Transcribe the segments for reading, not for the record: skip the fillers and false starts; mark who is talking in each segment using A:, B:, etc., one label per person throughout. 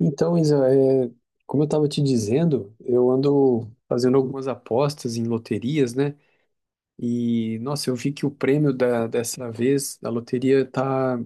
A: Então, Isa, é, como eu estava te dizendo, eu ando fazendo algumas apostas em loterias, né? E, nossa, eu vi que o prêmio dessa vez da loteria tá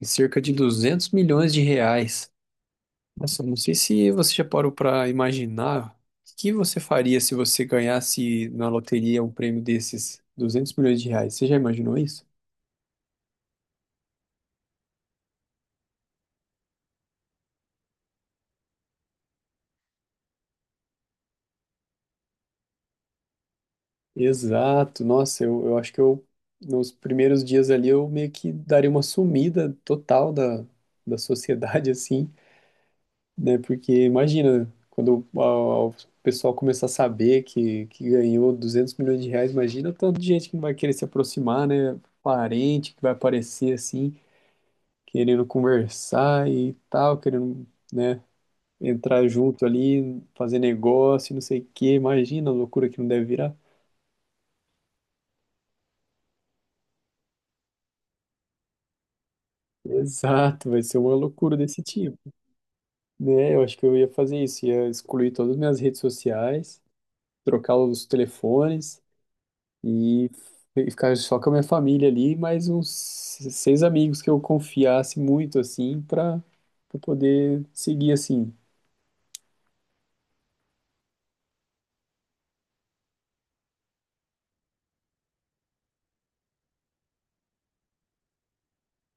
A: em cerca de 200 milhões de reais. Nossa, eu não sei se você já parou para imaginar o que você faria se você ganhasse na loteria um prêmio desses 200 milhões de reais. Você já imaginou isso? Exato, nossa, eu acho que eu, nos primeiros dias ali, eu meio que daria uma sumida total da sociedade, assim, né? Porque imagina, quando o pessoal começar a saber que ganhou 200 milhões de reais, imagina o tanto de gente que não vai querer se aproximar, né? Parente que vai aparecer, assim, querendo conversar e tal, querendo, né? Entrar junto ali, fazer negócio, não sei o quê, imagina a loucura que não deve virar. Exato, vai ser uma loucura desse tipo, né? Eu acho que eu ia fazer isso, ia excluir todas as minhas redes sociais, trocar os telefones e e ficar só com a minha família ali, mais uns seis amigos que eu confiasse muito assim para poder seguir assim.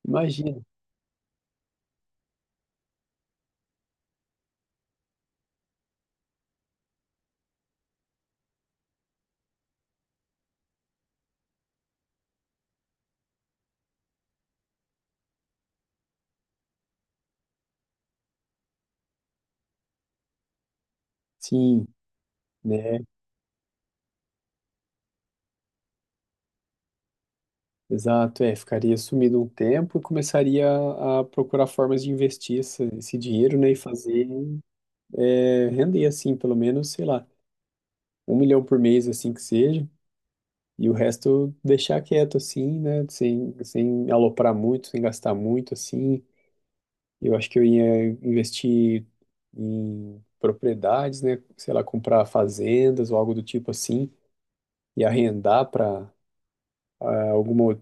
A: Imagina. Sim, né? Exato, é, ficaria sumido um tempo e começaria a procurar formas de investir esse dinheiro, né, e fazer render assim, pelo menos, sei lá um milhão por mês, assim que seja, e o resto deixar quieto, assim, né? Sem aloprar muito, sem gastar muito, assim. Eu acho que eu ia investir em propriedades, né? Sei lá, comprar fazendas ou algo do tipo assim, e arrendar para alguma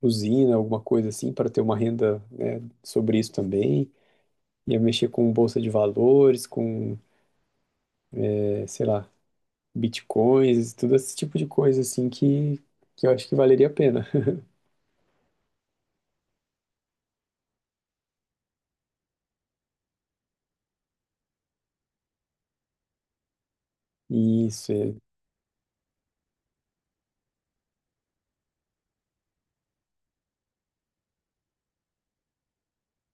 A: usina, alguma coisa assim, para ter uma renda, né, sobre isso também. Ia mexer com bolsa de valores, com, sei lá, bitcoins, tudo esse tipo de coisa assim que eu acho que valeria a pena. Isso, é,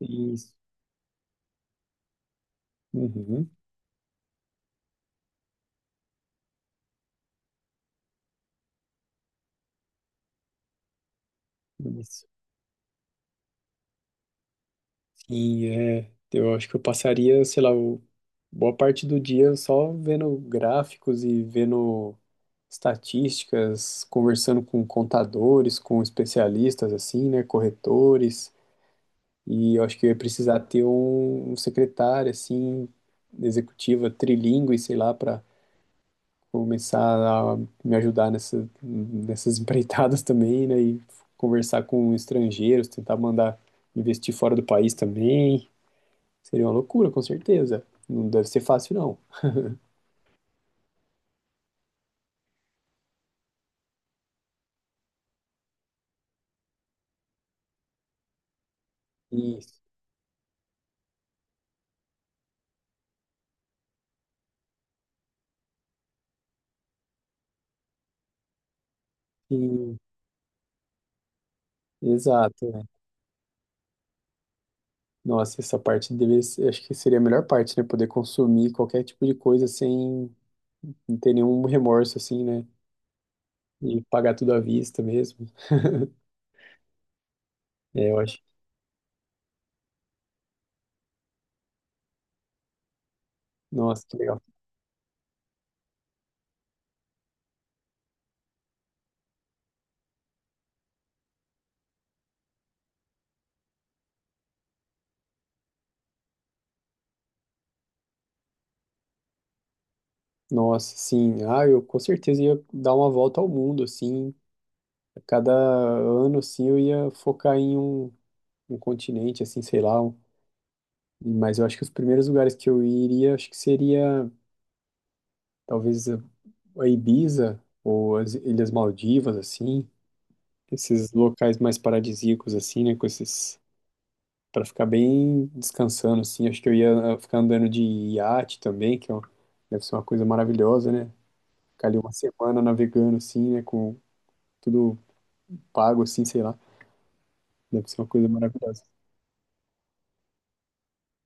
A: isso. Uhum, isso. Sim, é. Eu acho que eu passaria, sei lá, boa parte do dia só vendo gráficos e vendo estatísticas, conversando com contadores, com especialistas, assim, né, corretores. E eu acho que eu ia precisar ter um secretário, assim, executiva, trilingue, sei lá, para começar a me ajudar nessa, nessas empreitadas também, né? E conversar com estrangeiros, tentar mandar investir fora do país também. Seria uma loucura, com certeza. Não deve ser fácil, não. Isso. Sim, exato. Nossa, essa parte deveria ser, acho que seria a melhor parte, né? Poder consumir qualquer tipo de coisa sem não ter nenhum remorso, assim, né? E pagar tudo à vista mesmo. É, eu acho. Nossa, que legal. Nossa, sim. Ah, eu com certeza ia dar uma volta ao mundo, assim, a cada ano, assim, eu ia focar em um continente, assim, sei lá. Mas eu acho que os primeiros lugares que eu iria, acho que seria talvez a Ibiza ou as Ilhas Maldivas, assim. Esses locais mais paradisíacos, assim, né? Com esses, para ficar bem descansando, assim. Acho que eu ia ah, ficar andando de iate também, que é deve ser uma coisa maravilhosa, né? Ficar ali uma semana navegando, assim, né? Com tudo pago, assim, sei lá. Deve ser uma coisa maravilhosa.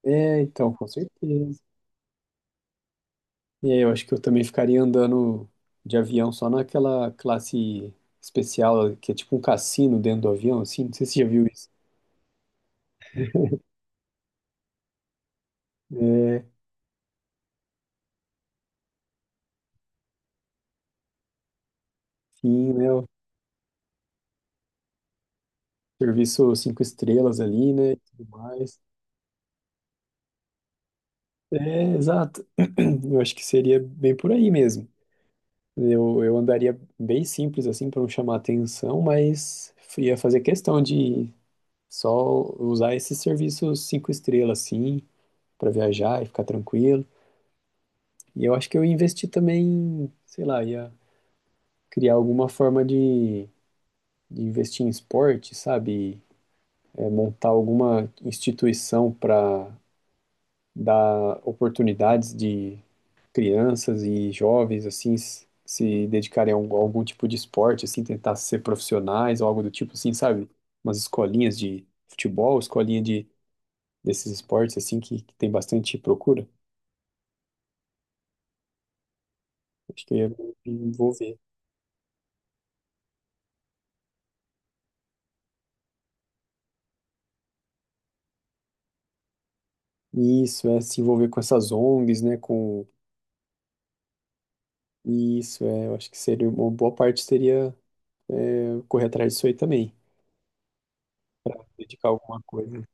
A: É, então, com certeza. E aí, eu acho que eu também ficaria andando de avião só naquela classe especial, que é tipo um cassino dentro do avião, assim. Não sei se você já viu isso. É, sim, né? O serviço cinco estrelas ali, né? E tudo mais. É, exato. Eu acho que seria bem por aí mesmo. Eu andaria bem simples, assim, para não chamar atenção, mas ia fazer questão de só usar esses serviços cinco estrelas, assim, para viajar e ficar tranquilo. E eu acho que eu investi também, sei lá, ia criar alguma forma de investir em esporte, sabe? É, montar alguma instituição para dar oportunidades de crianças e jovens, assim, se dedicarem a algum tipo de esporte, assim, tentar ser profissionais ou algo do tipo, assim, sabe? Umas escolinhas de futebol, escolinha de, desses esportes, assim, que tem bastante procura. Acho que ia me envolver. Isso, é se envolver com essas ONGs, né? Com isso, é, eu acho que seria uma boa parte seria é, correr atrás disso aí também, dedicar alguma coisa.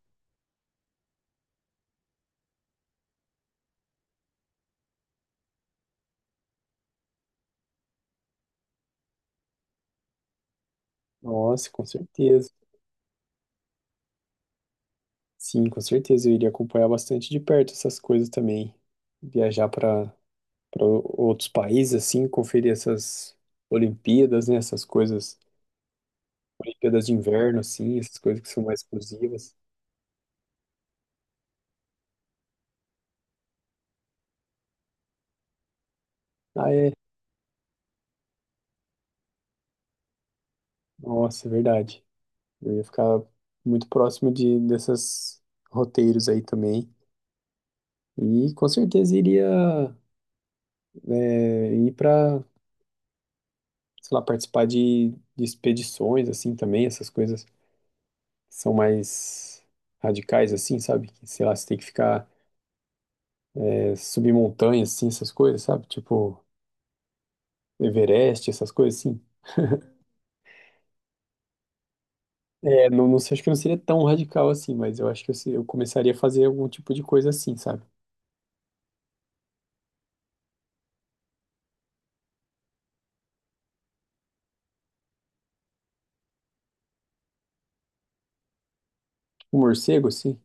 A: Nossa, com certeza. Sim, com certeza eu iria acompanhar bastante de perto essas coisas também. Viajar para outros países assim, conferir essas Olimpíadas, né, essas coisas, Olimpíadas de inverno assim, essas coisas que são mais exclusivas. Ah, é. Nossa, é verdade. Eu ia ficar muito próximo de dessas roteiros aí também. E com certeza iria ir para, sei lá, participar de expedições, assim, também, essas coisas que são mais radicais, assim, sabe? Que, sei lá, você tem que ficar, subir montanhas, assim, essas coisas, sabe? Tipo, Everest, essas coisas, assim. É, não, não sei, acho que não seria tão radical assim, mas eu acho que eu, se- eu começaria a fazer algum tipo de coisa assim, sabe? Um morcego, assim.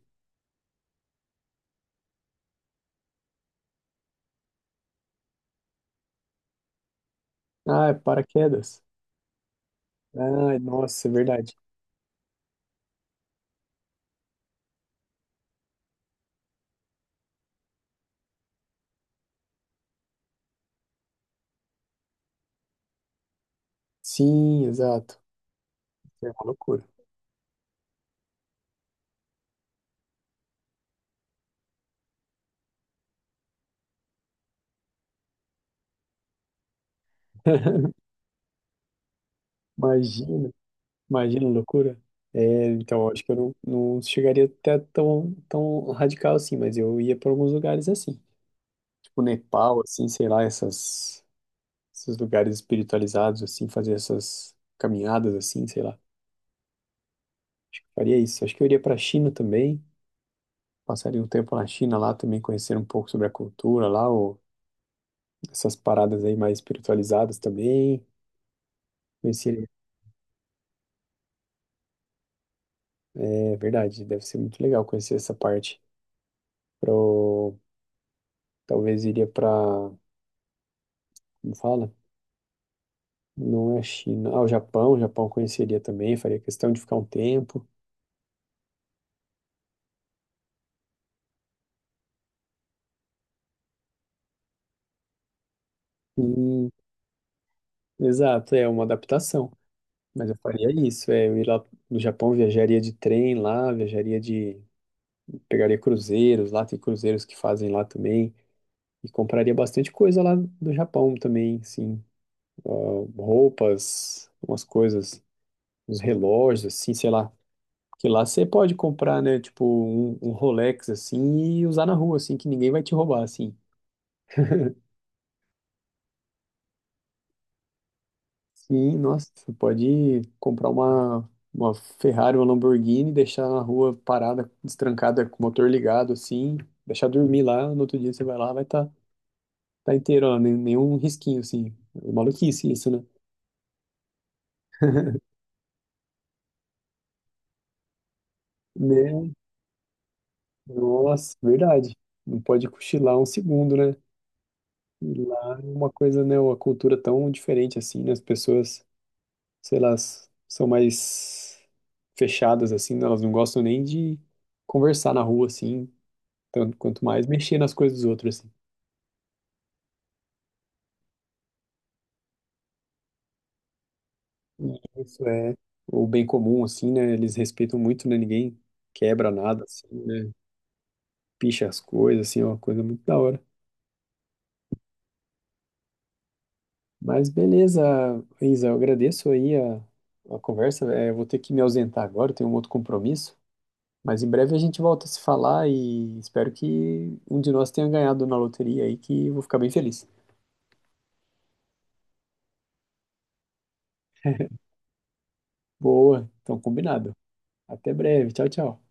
A: Ah, é paraquedas. Ah, nossa, é verdade. Sim, exato. É uma loucura. Imagina. Imagina, loucura. É, então, eu acho que eu não, não chegaria até tão radical assim, mas eu ia para alguns lugares assim. Tipo Nepal, assim, sei lá, esses lugares espiritualizados, assim, fazer essas caminhadas, assim, sei lá. Faria isso. Acho que eu iria para a China também. Passaria um tempo na China lá também, conhecer um pouco sobre a cultura lá, ou essas paradas aí mais espiritualizadas também. Conhecer, é verdade, deve ser muito legal conhecer essa parte. Pro, talvez iria para, como fala? Não é a China. Ah, o Japão eu conheceria também, faria questão de ficar um tempo. Hum, exato, é uma adaptação. Mas eu faria isso, é, eu ir lá no Japão, viajaria de trem lá, viajaria de. Pegaria cruzeiros lá, tem cruzeiros que fazem lá também. E compraria bastante coisa lá do Japão também, sim. Roupas, umas coisas, uns relógios, assim, sei lá. Que lá você pode comprar, né, tipo, um Rolex, assim, e usar na rua, assim, que ninguém vai te roubar, assim. Sim, nossa, você pode comprar uma Ferrari, uma Lamborghini, deixar na rua parada, destrancada, com o motor ligado, assim, deixar dormir lá, no outro dia você vai lá, vai estar tá inteiro, ó, nenhum risquinho, assim. É maluquice isso, né? Né? Nossa, verdade. Não pode cochilar um segundo, né? E lá é uma coisa, né, uma cultura tão diferente, assim, né? As pessoas, sei lá, são mais fechadas, assim, né? Elas não gostam nem de conversar na rua, assim, tanto quanto mais mexer nas coisas dos outros, assim. E isso é o bem comum, assim, né? Eles respeitam muito, né? Ninguém quebra nada, assim, né? Picha as coisas, assim, é uma coisa muito da hora. Mas beleza, Isa, eu agradeço aí a conversa. É, eu vou ter que me ausentar agora, eu tenho um outro compromisso. Mas em breve a gente volta a se falar e espero que um de nós tenha ganhado na loteria aí, que eu vou ficar bem feliz. Boa, então combinado. Até breve, tchau, tchau.